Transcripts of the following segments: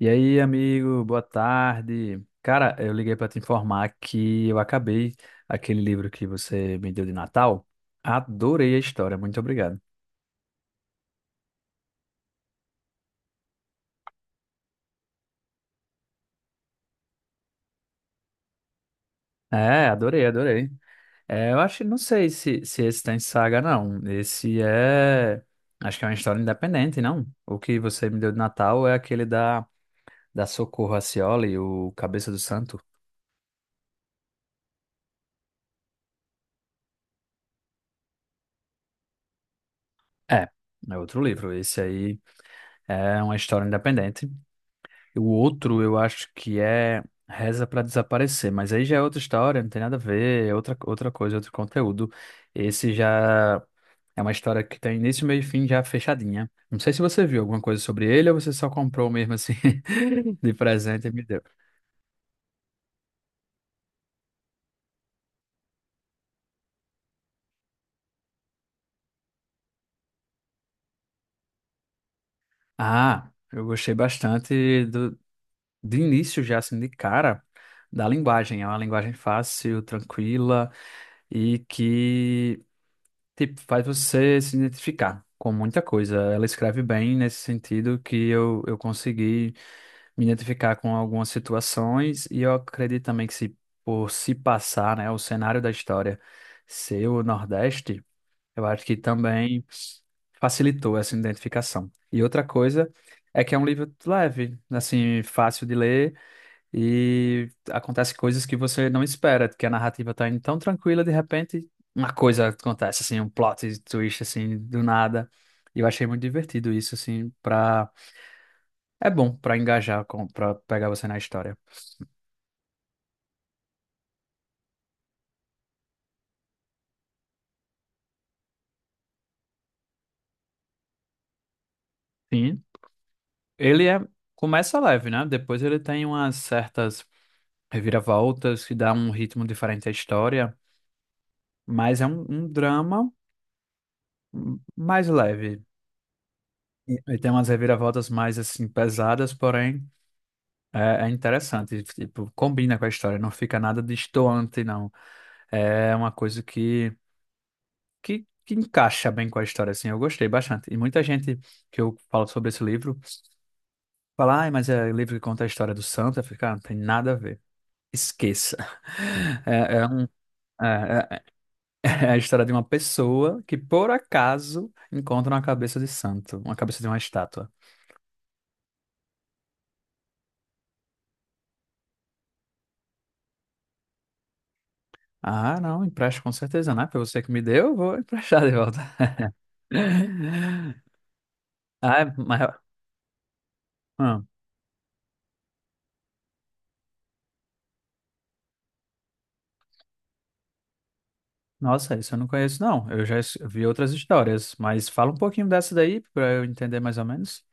E aí, amigo, boa tarde. Cara, eu liguei para te informar que eu acabei aquele livro que você me deu de Natal. Adorei a história, muito obrigado. É, adorei, adorei. É, eu acho, não sei se esse tem saga, não. Acho que é uma história independente, não? O que você me deu de Natal é aquele da Socorro Acioli, o Cabeça do Santo. É, é outro livro. Esse aí é uma história independente. O outro eu acho que é Reza para Desaparecer, mas aí já é outra história, não tem nada a ver, é outra, outra coisa, outro conteúdo. Esse já é uma história que tem início, meio e fim já fechadinha. Não sei se você viu alguma coisa sobre ele ou você só comprou mesmo assim de presente e me deu. Ah, eu gostei de início já assim de cara da linguagem. É uma linguagem fácil, tranquila e que Tipo, faz você se identificar com muita coisa. Ela escreve bem nesse sentido que eu consegui me identificar com algumas situações e eu acredito também que se por se passar, né, o cenário da história ser o Nordeste, eu acho que também facilitou essa identificação. E outra coisa é que é um livro leve, assim, fácil de ler e acontece coisas que você não espera, que a narrativa tá indo tão tranquila, de repente uma coisa acontece, assim, um plot twist, assim, do nada. E eu achei muito divertido isso, assim, pra... É bom pra engajar, pra pegar você na história. Sim, ele é... começa leve, né? Depois ele tem umas certas reviravoltas que dá um ritmo diferente à história, mas é um drama mais leve. E tem umas reviravoltas mais, assim, pesadas, porém é, é interessante, tipo, combina com a história, não fica nada destoante, não. É uma coisa que encaixa bem com a história, assim, eu gostei bastante. E muita gente que eu falo sobre esse livro fala, ai, mas é livro que conta a história do santo, eu fico, "Ah, não tem nada a ver. Esqueça." É, é, um- é- É a história de uma pessoa que, por acaso, encontra uma cabeça de santo, uma cabeça de uma estátua. Ah, não, empresto com certeza, né? Foi você que me deu, eu vou emprestar de volta. Ah, é, mas ah, nossa, isso eu não conheço, não. Vi outras histórias, mas fala um pouquinho dessa daí para eu entender mais ou menos.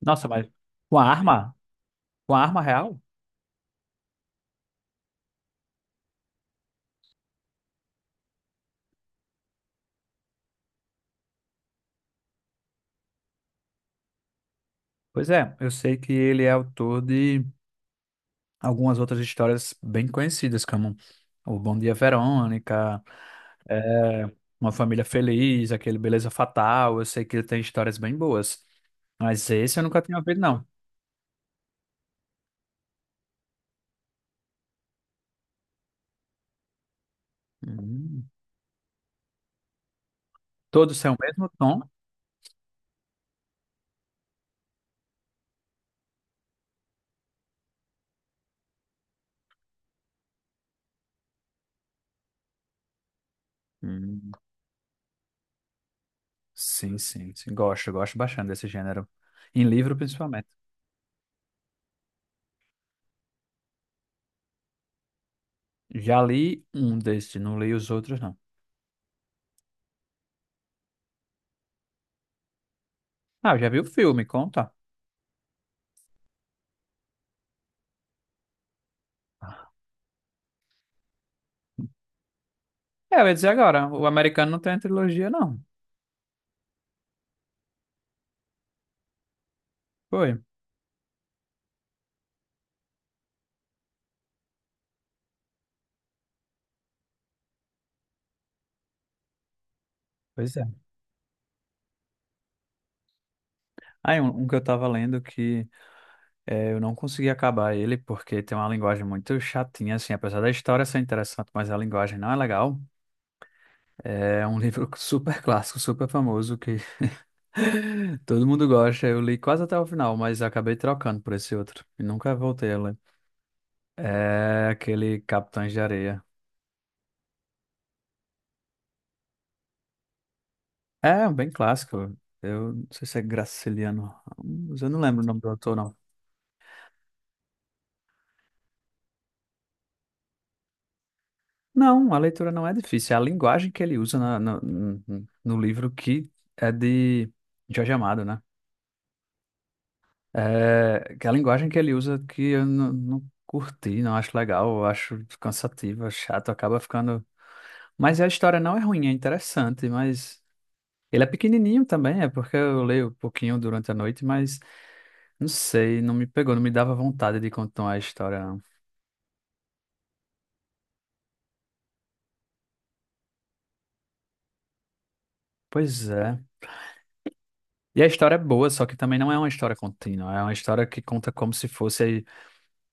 Nossa, mas com a arma? Com a arma real? Pois é, eu sei que ele é autor de algumas outras histórias bem conhecidas, como O Bom Dia Verônica, é, Uma Família Feliz, aquele Beleza Fatal. Eu sei que ele tem histórias bem boas, mas esse eu nunca tinha ouvido, não. Hum. Todos têm o mesmo tom? Hum. Sim, sim, sim. Gosto, gosto bastante desse gênero. Em livro, principalmente. Já li um desse, não li os outros, não. Ah, já vi o filme, conta. É, eu ia dizer agora, o americano não tem a trilogia, não. Foi. Pois é. Aí, um que eu tava lendo que é, eu não consegui acabar ele, porque tem uma linguagem muito chatinha, assim, apesar da história ser interessante, mas a linguagem não é legal. É um livro super clássico, super famoso, que todo mundo gosta. Eu li quase até o final, mas acabei trocando por esse outro. E nunca voltei a ler. É aquele Capitães de Areia. É, bem clássico. Eu não sei se é Graciliano Ramos, eu não lembro o nome do autor, não. Não, a leitura não é difícil. É a linguagem que ele usa no livro que é de Jorge Amado, né? É, que é a linguagem que ele usa que eu não curti, não acho legal, eu acho cansativa, chato, acaba ficando. Mas a história não é ruim, é interessante, mas ele é pequenininho também, é porque eu leio um pouquinho durante a noite, mas. Não sei, não me pegou, não me dava vontade de continuar a história, não. Pois é. E a história é boa, só que também não é uma história contínua. É uma história que conta como se fosse aí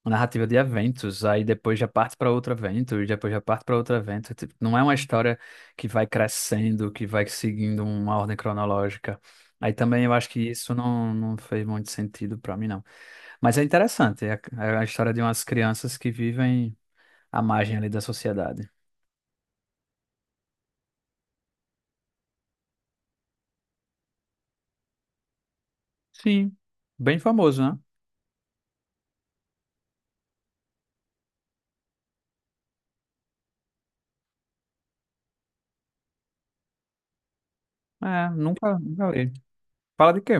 uma narrativa de eventos. Aí depois já parte para outro evento, e depois já parte para outro evento. Tipo, não é uma história que vai crescendo, que vai seguindo uma ordem cronológica. Aí também eu acho que isso não fez muito sentido para mim, não. Mas é interessante. É a história de umas crianças que vivem à margem ali da sociedade. Sim, bem famoso, né? É, nunca, nunca li. Fala de quê?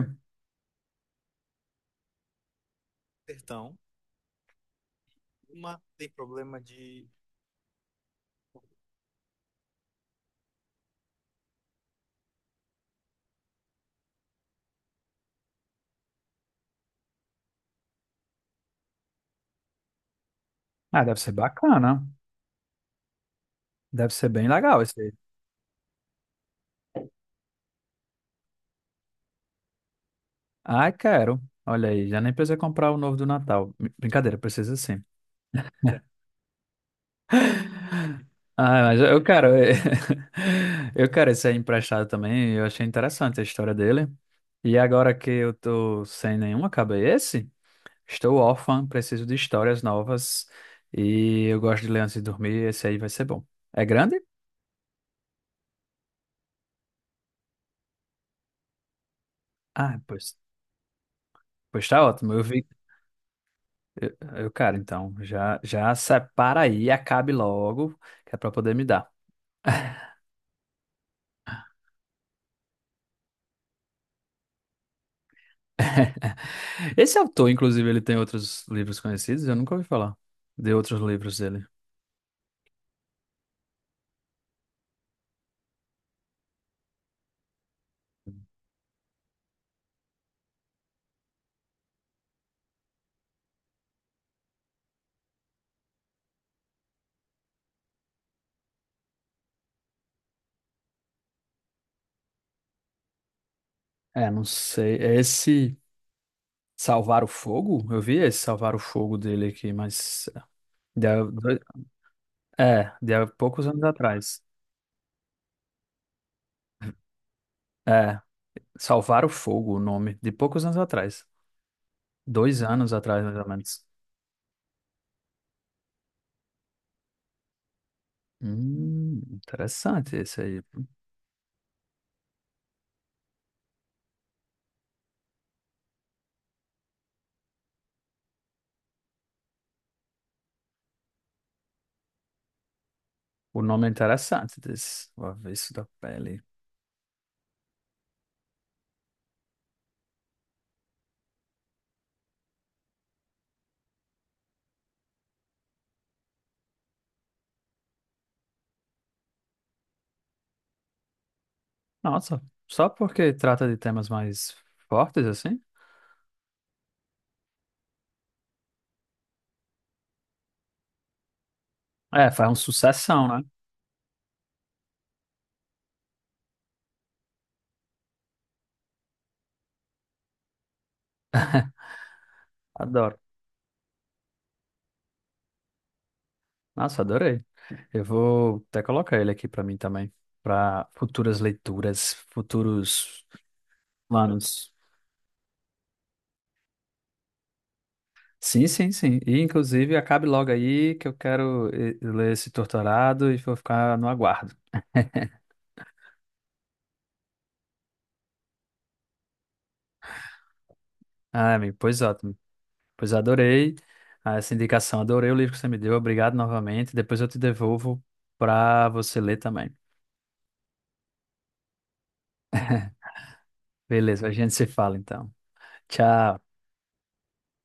Ah, deve ser bacana. Deve ser bem legal esse aí. Ai, quero. Olha aí, já nem precisa comprar o novo do Natal. Brincadeira, precisa sim. Ah, mas eu quero. Eu quero esse aí emprestado também. Eu achei interessante a história dele. E agora que eu tô sem nenhuma cabeça, estou órfã, preciso de histórias novas. E eu gosto de ler antes de dormir. Esse aí vai ser bom. É grande? Ah, pois tá ótimo. Eu vi Eu, cara, então, já separa aí, e acabe logo, que é pra poder me dar. Esse autor, inclusive, ele tem outros livros conhecidos, eu nunca ouvi falar de outros livros dele. É, não sei. Esse Salvar o Fogo, eu vi esse Salvar o Fogo dele aqui, mas. De, há dois- é, de há poucos anos atrás. É, Salvar o Fogo, o nome, de poucos anos atrás. Dois anos atrás, mais ou menos. Interessante esse aí. O nome é interessante desse. O Avesso da Pele. Nossa, só porque trata de temas mais fortes assim? É, faz um sucessão, né? Adoro. Nossa, adorei. Eu vou até colocar ele aqui pra mim também, pra futuras leituras, futuros planos. Sim, sim, sim. E inclusive acabe logo aí que eu quero ler esse torturado e vou ficar no aguardo. Ah, amigo, pois ótimo. Pois adorei essa indicação, adorei o livro que você me deu. Obrigado novamente. Depois eu te devolvo pra você ler também. Beleza, a gente se fala então. Tchau.